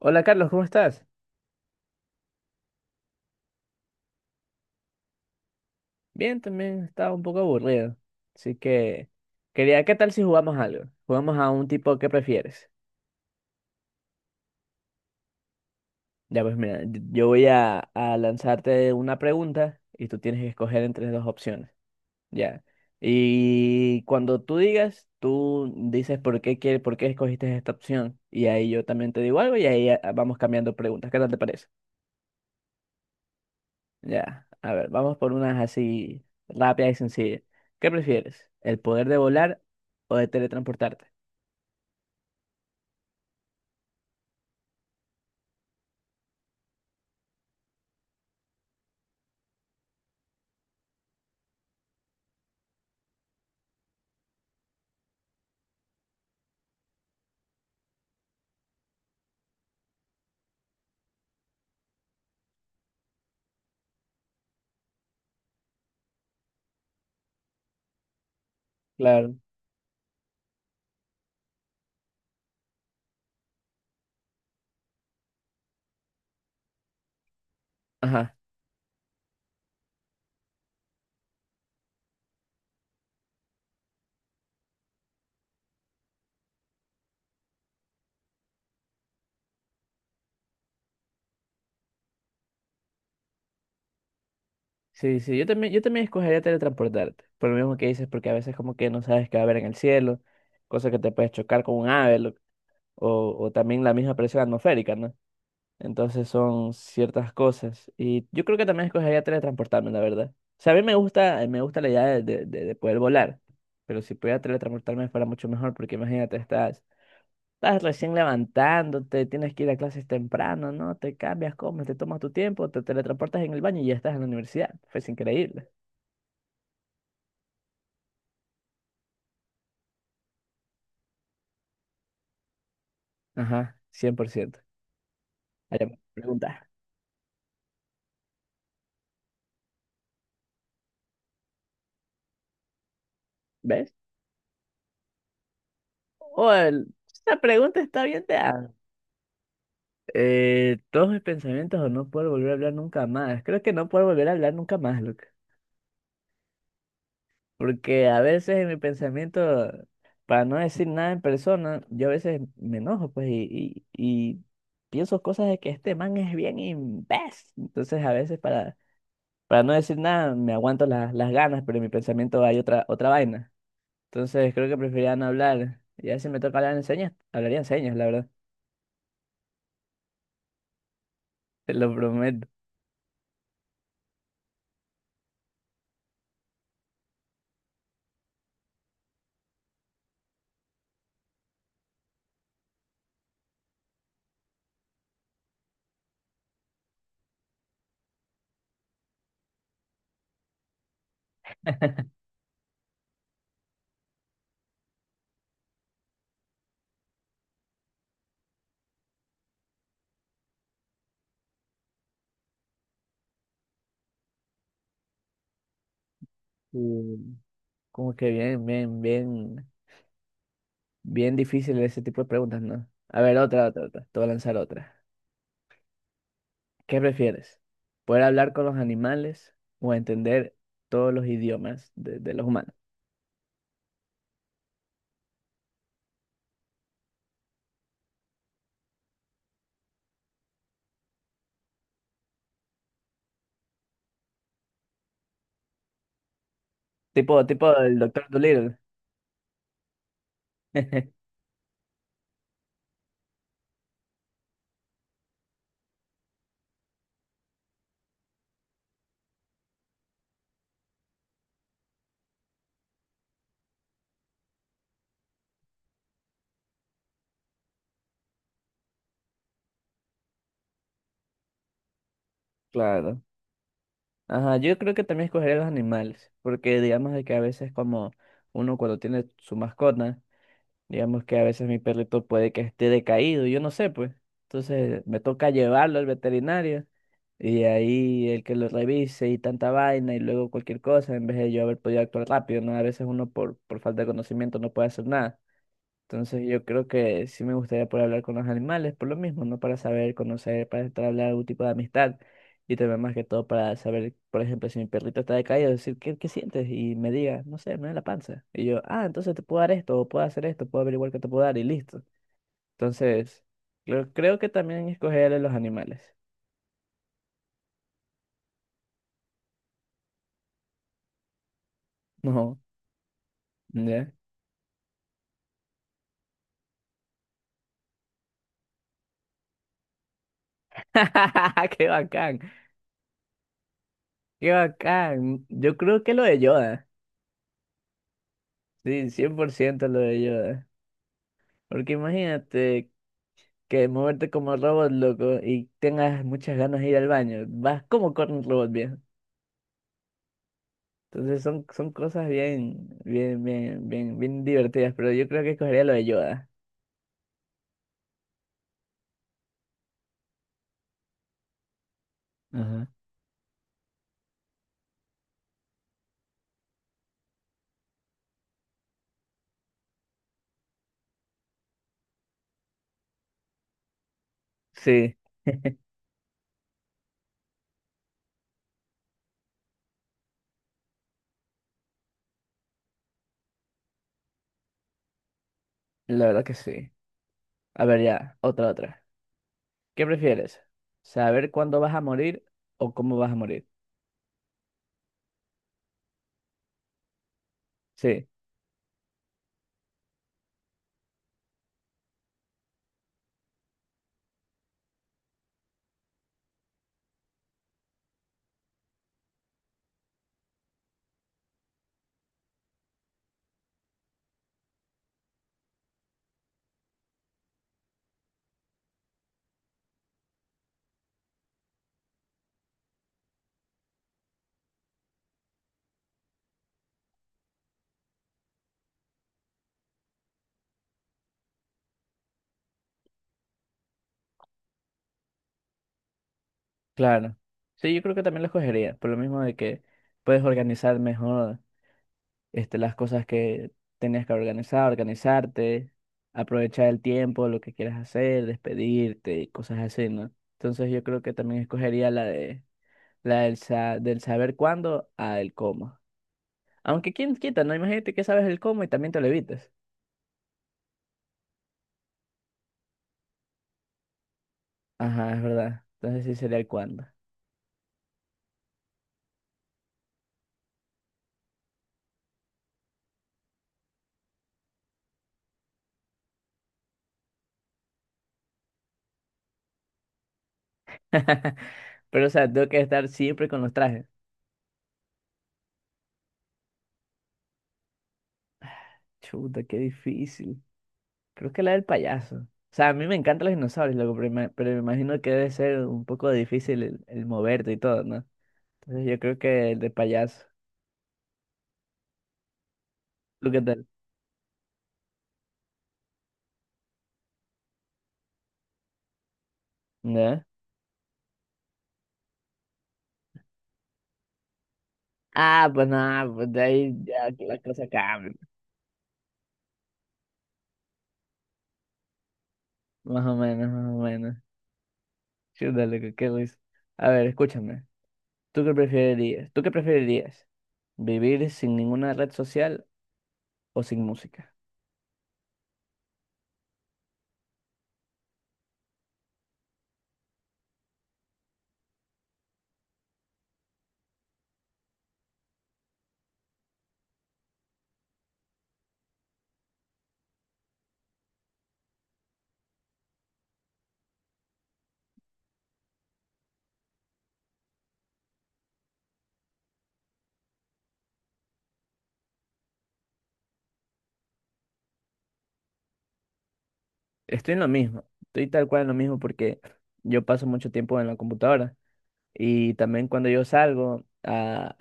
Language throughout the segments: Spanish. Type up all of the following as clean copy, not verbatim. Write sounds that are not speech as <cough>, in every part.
Hola Carlos, ¿cómo estás? Bien, también estaba un poco aburrido. Así que quería, ¿qué tal si jugamos algo? Jugamos a un tipo que prefieres. Ya pues mira, yo voy a lanzarte una pregunta y tú tienes que escoger entre dos opciones. Ya. Y cuando tú digas, tú dices por qué quieres, por qué escogiste esta opción. Y ahí yo también te digo algo y ahí vamos cambiando preguntas. ¿Qué tal te parece? Ya, a ver, vamos por unas así rápidas y sencillas. ¿Qué prefieres? ¿El poder de volar o de teletransportarte? Claro. Ajá. Sí, sí, yo también escogería teletransportarte, por lo mismo que dices, porque a veces como que no sabes qué va a haber en el cielo, cosas que te puedes chocar con un ave, o también la misma presión atmosférica, ¿no? Entonces son ciertas cosas. Y yo creo que también escogería teletransportarme, la verdad. O sea, a mí me gusta la idea de, de poder volar, pero si pudiera teletransportarme fuera mucho mejor, porque imagínate, estás recién levantándote, tienes que ir a clases temprano, ¿no? Te cambias, comes, te tomas tu tiempo, te teletransportas en el baño y ya estás en la universidad. Es increíble. Ajá, cien por ciento. Allá pregunta. ¿Ves? Esta pregunta está bien de antes. Todos mis pensamientos o no puedo volver a hablar nunca más. Creo que no puedo volver a hablar nunca más, porque a veces en mi pensamiento, para no decir nada en persona, yo a veces me enojo, pues, y pienso cosas de que este man es bien imbécil. Entonces, para no decir nada, me aguanto las ganas, pero en mi pensamiento hay otra, otra vaina. Entonces, creo que preferiría no hablar. Ya si me toca hablar en señas, hablaría en señas, la verdad. Te lo prometo. <laughs> Mm, como que bien difícil ese tipo de preguntas, ¿no? A ver, otra. Te voy a lanzar otra. ¿Qué prefieres? ¿Poder hablar con los animales o entender todos los idiomas de los humanos? Tipo, tipo el Doctor Dolittle. <laughs> Claro. Ajá, yo creo que también escogería los animales, porque digamos de que a veces como uno cuando tiene su mascota, digamos que a veces mi perrito puede que esté decaído, yo no sé, pues. Entonces me toca llevarlo al veterinario y ahí el que lo revise y tanta vaina y luego cualquier cosa, en vez de yo haber podido actuar rápido, ¿no? A veces uno por falta de conocimiento no puede hacer nada. Entonces yo creo que sí me gustaría poder hablar con los animales, por lo mismo, ¿no? Para saber, conocer, para entablar algún tipo de amistad. Y también más que todo para saber, por ejemplo, si mi perrito está decaído, decir, ¿qué, qué sientes? Y me diga, no sé, me duele la panza. Y yo, ah, entonces te puedo dar esto, o puedo hacer esto, puedo averiguar qué te puedo dar y listo. Entonces, creo que también escogeré los animales. No, ¿ya? <laughs> ¡Qué bacán! ¡Qué bacán! Yo creo que lo de Yoda. Sí, cien por ciento lo de Yoda. Porque imagínate que moverte como robot, loco, y tengas muchas ganas de ir al baño. Vas como con un robot, viejo. Entonces son cosas bien divertidas, pero yo creo que escogería lo de Yoda. Ajá. Sí, <laughs> la verdad que sí. A ver ya, otra. ¿Qué prefieres? ¿Saber cuándo vas a morir o cómo vas a morir? Sí, claro. Sí, yo creo que también lo escogería, por lo mismo de que puedes organizar mejor este, las cosas que tenías que organizar, organizarte, aprovechar el tiempo, lo que quieras hacer, despedirte y cosas así, ¿no? Entonces yo creo que también escogería la del saber cuándo a el cómo. Aunque quién quita, ¿no? Imagínate que sabes el cómo y también te lo evitas. Ajá, es verdad. Entonces sí sería el cuándo. <laughs> Pero o sea, tengo que estar siempre con los trajes. Chuta, qué difícil. Creo que la del payaso. O sea, a mí me encantan los dinosaurios, loco, pero me imagino que debe ser un poco difícil el moverte y todo, ¿no? Entonces yo creo que el de payaso. ¿Tú qué tal? ¿No? Ah, pues nada, pues de ahí ya que la cosa cambia. Más o menos, más o menos. Chuta, loco, qué risa. A ver, escúchame. ¿Tú qué preferirías? ¿Tú qué preferirías? ¿Vivir sin ninguna red social o sin música? Estoy en lo mismo. Estoy tal cual en lo mismo porque yo paso mucho tiempo en la computadora. Y también cuando yo salgo a,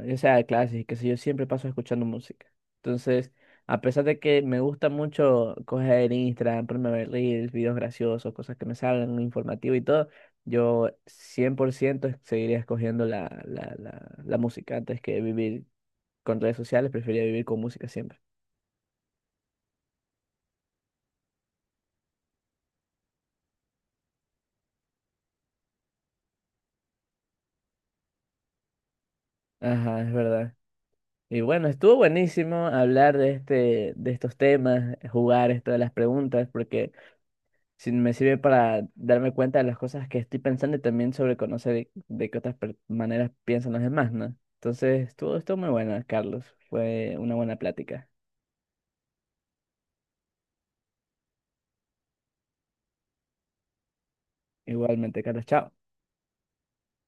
ya sea de clases y qué sé yo, siempre paso escuchando música. Entonces, a pesar de que me gusta mucho coger Instagram, ponerme a ver reels, videos graciosos, cosas que me salgan, informativo y todo, yo 100% seguiría escogiendo la música antes que vivir con redes sociales, preferiría vivir con música siempre. Ajá, es verdad. Y bueno, estuvo buenísimo hablar de este, de estos temas, jugar esto de las preguntas, porque si me sirve para darme cuenta de las cosas que estoy pensando y también sobre conocer de qué maneras piensan los demás, ¿no? Entonces, todo esto muy bueno, Carlos. Fue una buena plática. Igualmente, Carlos, chao.